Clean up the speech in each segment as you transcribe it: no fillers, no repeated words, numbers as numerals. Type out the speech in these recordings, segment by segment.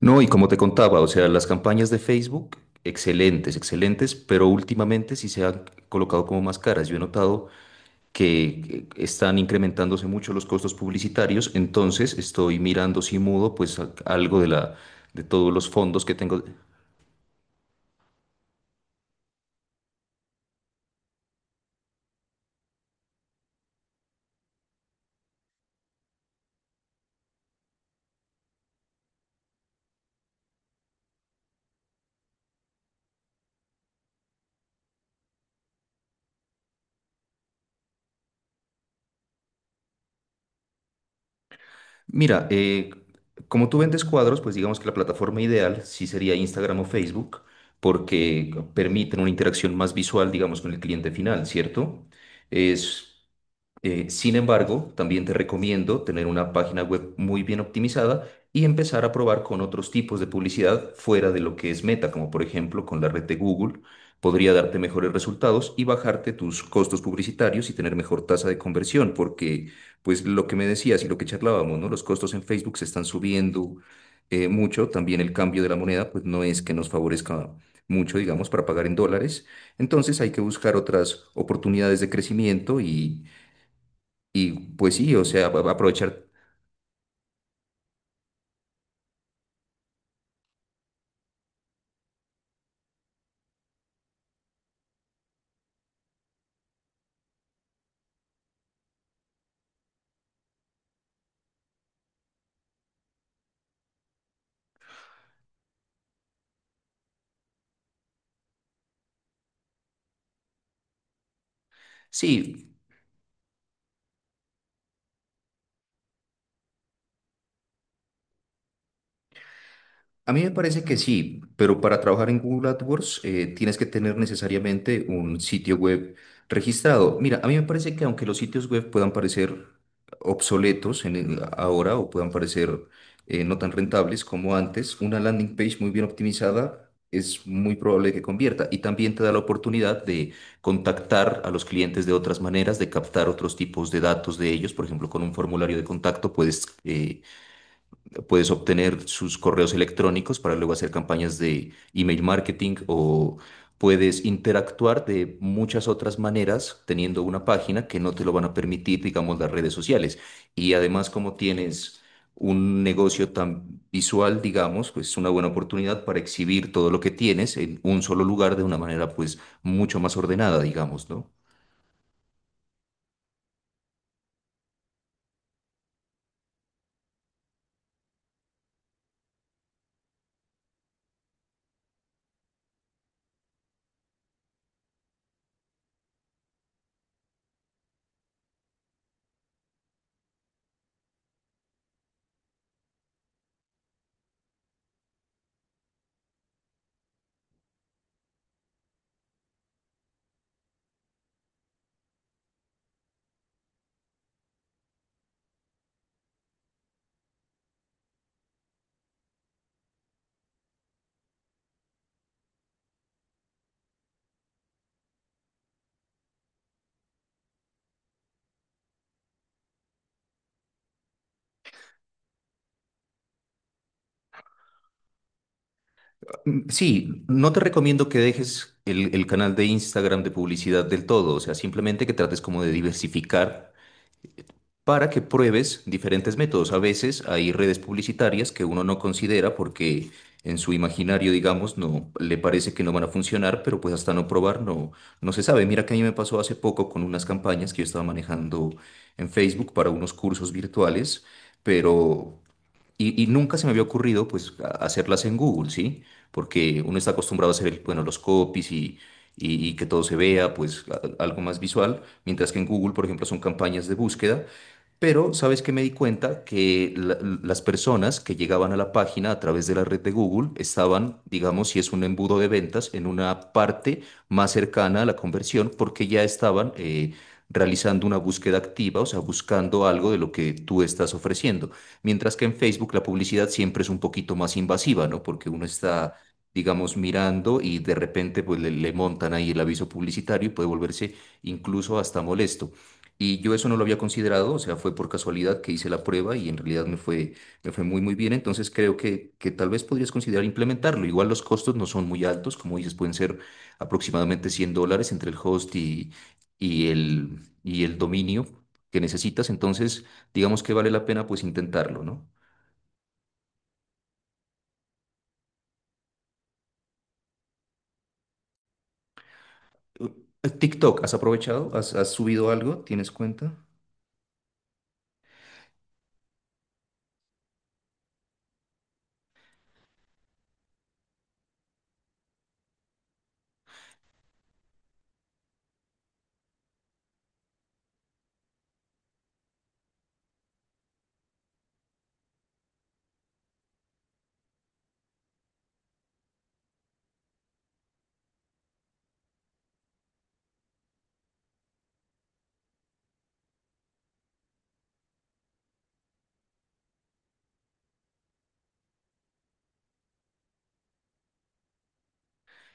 No, y como te contaba, o sea, las campañas de Facebook, excelentes, excelentes, pero últimamente sí se han colocado como más caras. Yo he notado que están incrementándose mucho los costos publicitarios, entonces estoy mirando si mudo, pues algo de todos los fondos que tengo. Mira, como tú vendes cuadros, pues digamos que la plataforma ideal sí sería Instagram o Facebook, porque permiten una interacción más visual, digamos, con el cliente final, ¿cierto? Es sin embargo, también te recomiendo tener una página web muy bien optimizada y empezar a probar con otros tipos de publicidad fuera de lo que es Meta, como por ejemplo con la red de Google. Podría darte mejores resultados y bajarte tus costos publicitarios y tener mejor tasa de conversión, porque pues lo que me decías y lo que charlábamos, ¿no? Los costos en Facebook se están subiendo mucho, también el cambio de la moneda pues no es que nos favorezca mucho, digamos, para pagar en dólares. Entonces hay que buscar otras oportunidades de crecimiento y pues sí, o sea, aprovechar. Sí, a mí me parece que sí, pero para trabajar en Google AdWords tienes que tener necesariamente un sitio web registrado. Mira, a mí me parece que aunque los sitios web puedan parecer obsoletos en ahora o puedan parecer no tan rentables como antes, una landing page muy bien optimizada es muy probable que convierta y también te da la oportunidad de contactar a los clientes de otras maneras, de captar otros tipos de datos de ellos, por ejemplo, con un formulario de contacto puedes obtener sus correos electrónicos para luego hacer campañas de email marketing o puedes interactuar de muchas otras maneras teniendo una página que no te lo van a permitir, digamos, las redes sociales. Y además, como tienes un negocio tan visual, digamos, pues es una buena oportunidad para exhibir todo lo que tienes en un solo lugar de una manera, pues, mucho más ordenada, digamos, ¿no? Sí, no te recomiendo que dejes el canal de Instagram de publicidad del todo, o sea, simplemente que trates como de diversificar para que pruebes diferentes métodos. A veces hay redes publicitarias que uno no considera porque en su imaginario, digamos, no le parece que no van a funcionar, pero pues hasta no probar no, no se sabe. Mira que a mí me pasó hace poco con unas campañas que yo estaba manejando en Facebook para unos cursos virtuales, pero y nunca se me había ocurrido pues hacerlas en Google, ¿sí? Porque uno está acostumbrado a hacer, bueno, los copies y que todo se vea, pues algo más visual, mientras que en Google, por ejemplo, son campañas de búsqueda. Pero, ¿sabes qué me di cuenta? Que las personas que llegaban a la página a través de la red de Google estaban, digamos, si es un embudo de ventas, en una parte más cercana a la conversión porque ya estaban realizando una búsqueda activa, o sea, buscando algo de lo que tú estás ofreciendo. Mientras que en Facebook la publicidad siempre es un poquito más invasiva, ¿no? Porque uno está, digamos, mirando y de repente pues le montan ahí el aviso publicitario y puede volverse incluso hasta molesto. Y yo eso no lo había considerado, o sea, fue por casualidad que hice la prueba y en realidad me fue muy, muy bien. Entonces creo que tal vez podrías considerar implementarlo. Igual los costos no son muy altos, como dices, pueden ser aproximadamente 100 dólares entre el host y el dominio que necesitas. Entonces, digamos que vale la pena pues intentarlo, ¿no? U- TikTok, ¿has aprovechado? ¿Has subido algo? ¿Tienes cuenta?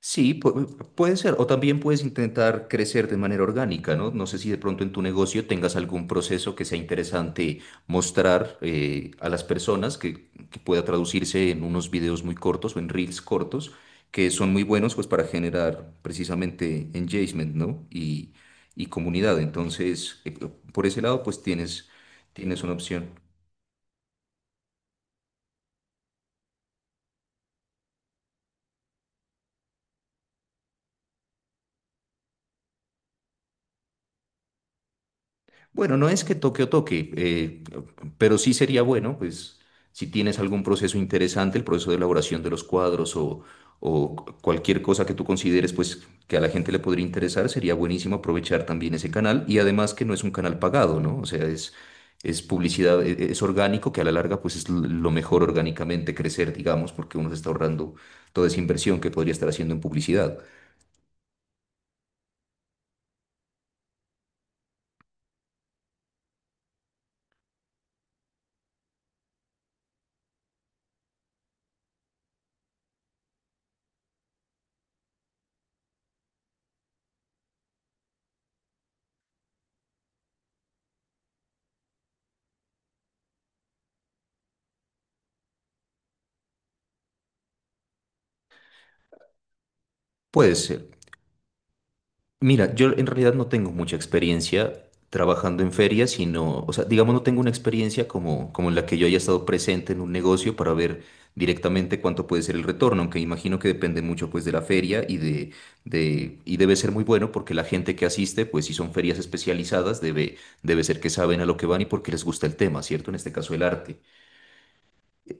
Sí, puede ser. O también puedes intentar crecer de manera orgánica, ¿no? No sé si de pronto en tu negocio tengas algún proceso que sea interesante mostrar a las personas que pueda traducirse en unos videos muy cortos o en reels cortos, que son muy buenos pues para generar precisamente engagement, ¿no? Y comunidad. Entonces, por ese lado pues tienes una opción. Bueno, no es que toque o toque, pero sí sería bueno, pues, si tienes algún proceso interesante, el proceso de elaboración de los cuadros o cualquier cosa que tú consideres, pues, que a la gente le podría interesar, sería buenísimo aprovechar también ese canal y además que no es un canal pagado, ¿no? O sea, es publicidad, es orgánico, que a la larga, pues, es lo mejor orgánicamente crecer, digamos, porque uno se está ahorrando toda esa inversión que podría estar haciendo en publicidad. Puede ser. Mira, yo en realidad no tengo mucha experiencia trabajando en ferias, sino, o sea, digamos, no tengo una experiencia como, como en la que yo haya estado presente en un negocio para ver directamente cuánto puede ser el retorno, aunque imagino que depende mucho pues de la feria y debe, ser muy bueno porque la gente que asiste, pues si son ferias especializadas, debe, debe ser que saben a lo que van y porque les gusta el tema, ¿cierto? En este caso el arte.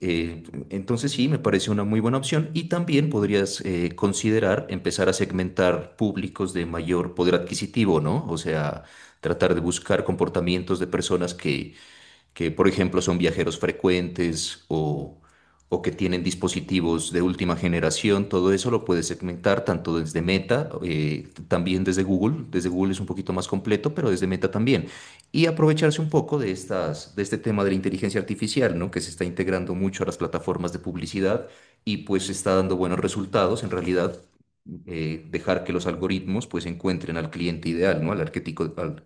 Eh, entonces sí, me parece una muy buena opción y también podrías considerar empezar a segmentar públicos de mayor poder adquisitivo, ¿no? O sea, tratar de buscar comportamientos de personas que por ejemplo son viajeros frecuentes o que tienen dispositivos de última generación, todo eso lo puedes segmentar tanto desde Meta, también desde Google es un poquito más completo, pero desde Meta también, y aprovecharse un poco de este tema de la inteligencia artificial, ¿no? Que se está integrando mucho a las plataformas de publicidad y pues está dando buenos resultados en realidad. Dejar que los algoritmos pues encuentren al cliente ideal, ¿no? Al arquetipo.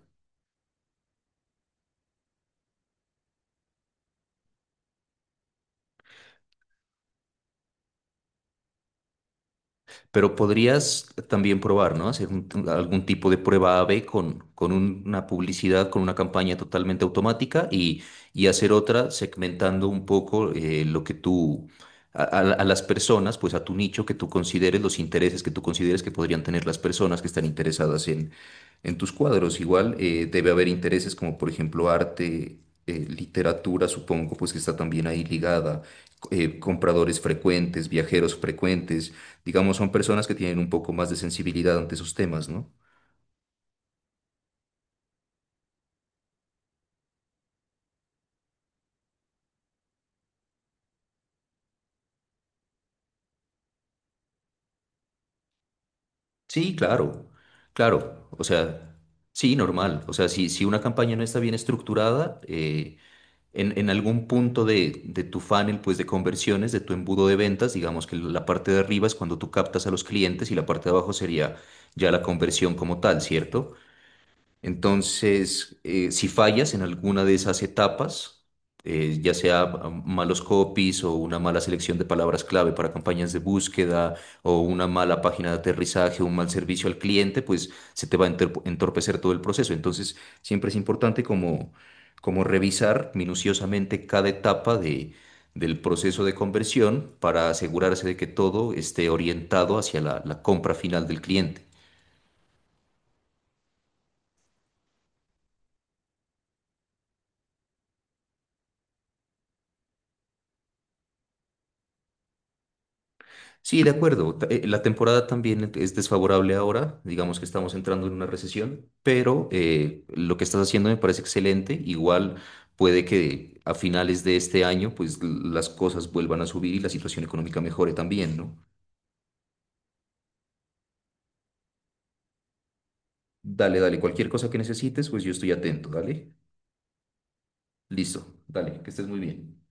Pero podrías también probar, ¿no? Hacer algún tipo de prueba A/B con una publicidad, con una campaña totalmente automática y hacer otra segmentando un poco lo que tú, a las personas, pues a tu nicho que tú consideres, los intereses que tú consideres que podrían tener las personas que están interesadas en tus cuadros. Igual debe haber intereses como, por ejemplo, arte, literatura, supongo, pues que está también ahí ligada, compradores frecuentes, viajeros frecuentes. Digamos, son personas que tienen un poco más de sensibilidad ante esos temas, ¿no? Sí, claro, claro. O sea, sí, normal. O sea, si una campaña no está bien estructurada, en algún punto de tu funnel, pues de conversiones, de tu embudo de ventas, digamos que la parte de arriba es cuando tú captas a los clientes y la parte de abajo sería ya la conversión como tal, ¿cierto? Entonces, si fallas en alguna de esas etapas, ya sea malos copies o una mala selección de palabras clave para campañas de búsqueda o una mala página de aterrizaje, un mal servicio al cliente, pues se te va a entorpecer todo el proceso. Entonces, siempre es importante como, como revisar minuciosamente cada etapa del proceso de conversión para asegurarse de que todo esté orientado hacia la compra final del cliente. Sí, de acuerdo. La temporada también es desfavorable ahora, digamos que estamos entrando en una recesión, pero lo que estás haciendo me parece excelente. Igual puede que a finales de este año, pues las cosas vuelvan a subir y la situación económica mejore también, ¿no? Dale, dale, cualquier cosa que necesites, pues yo estoy atento, dale. Listo, dale, que estés muy bien.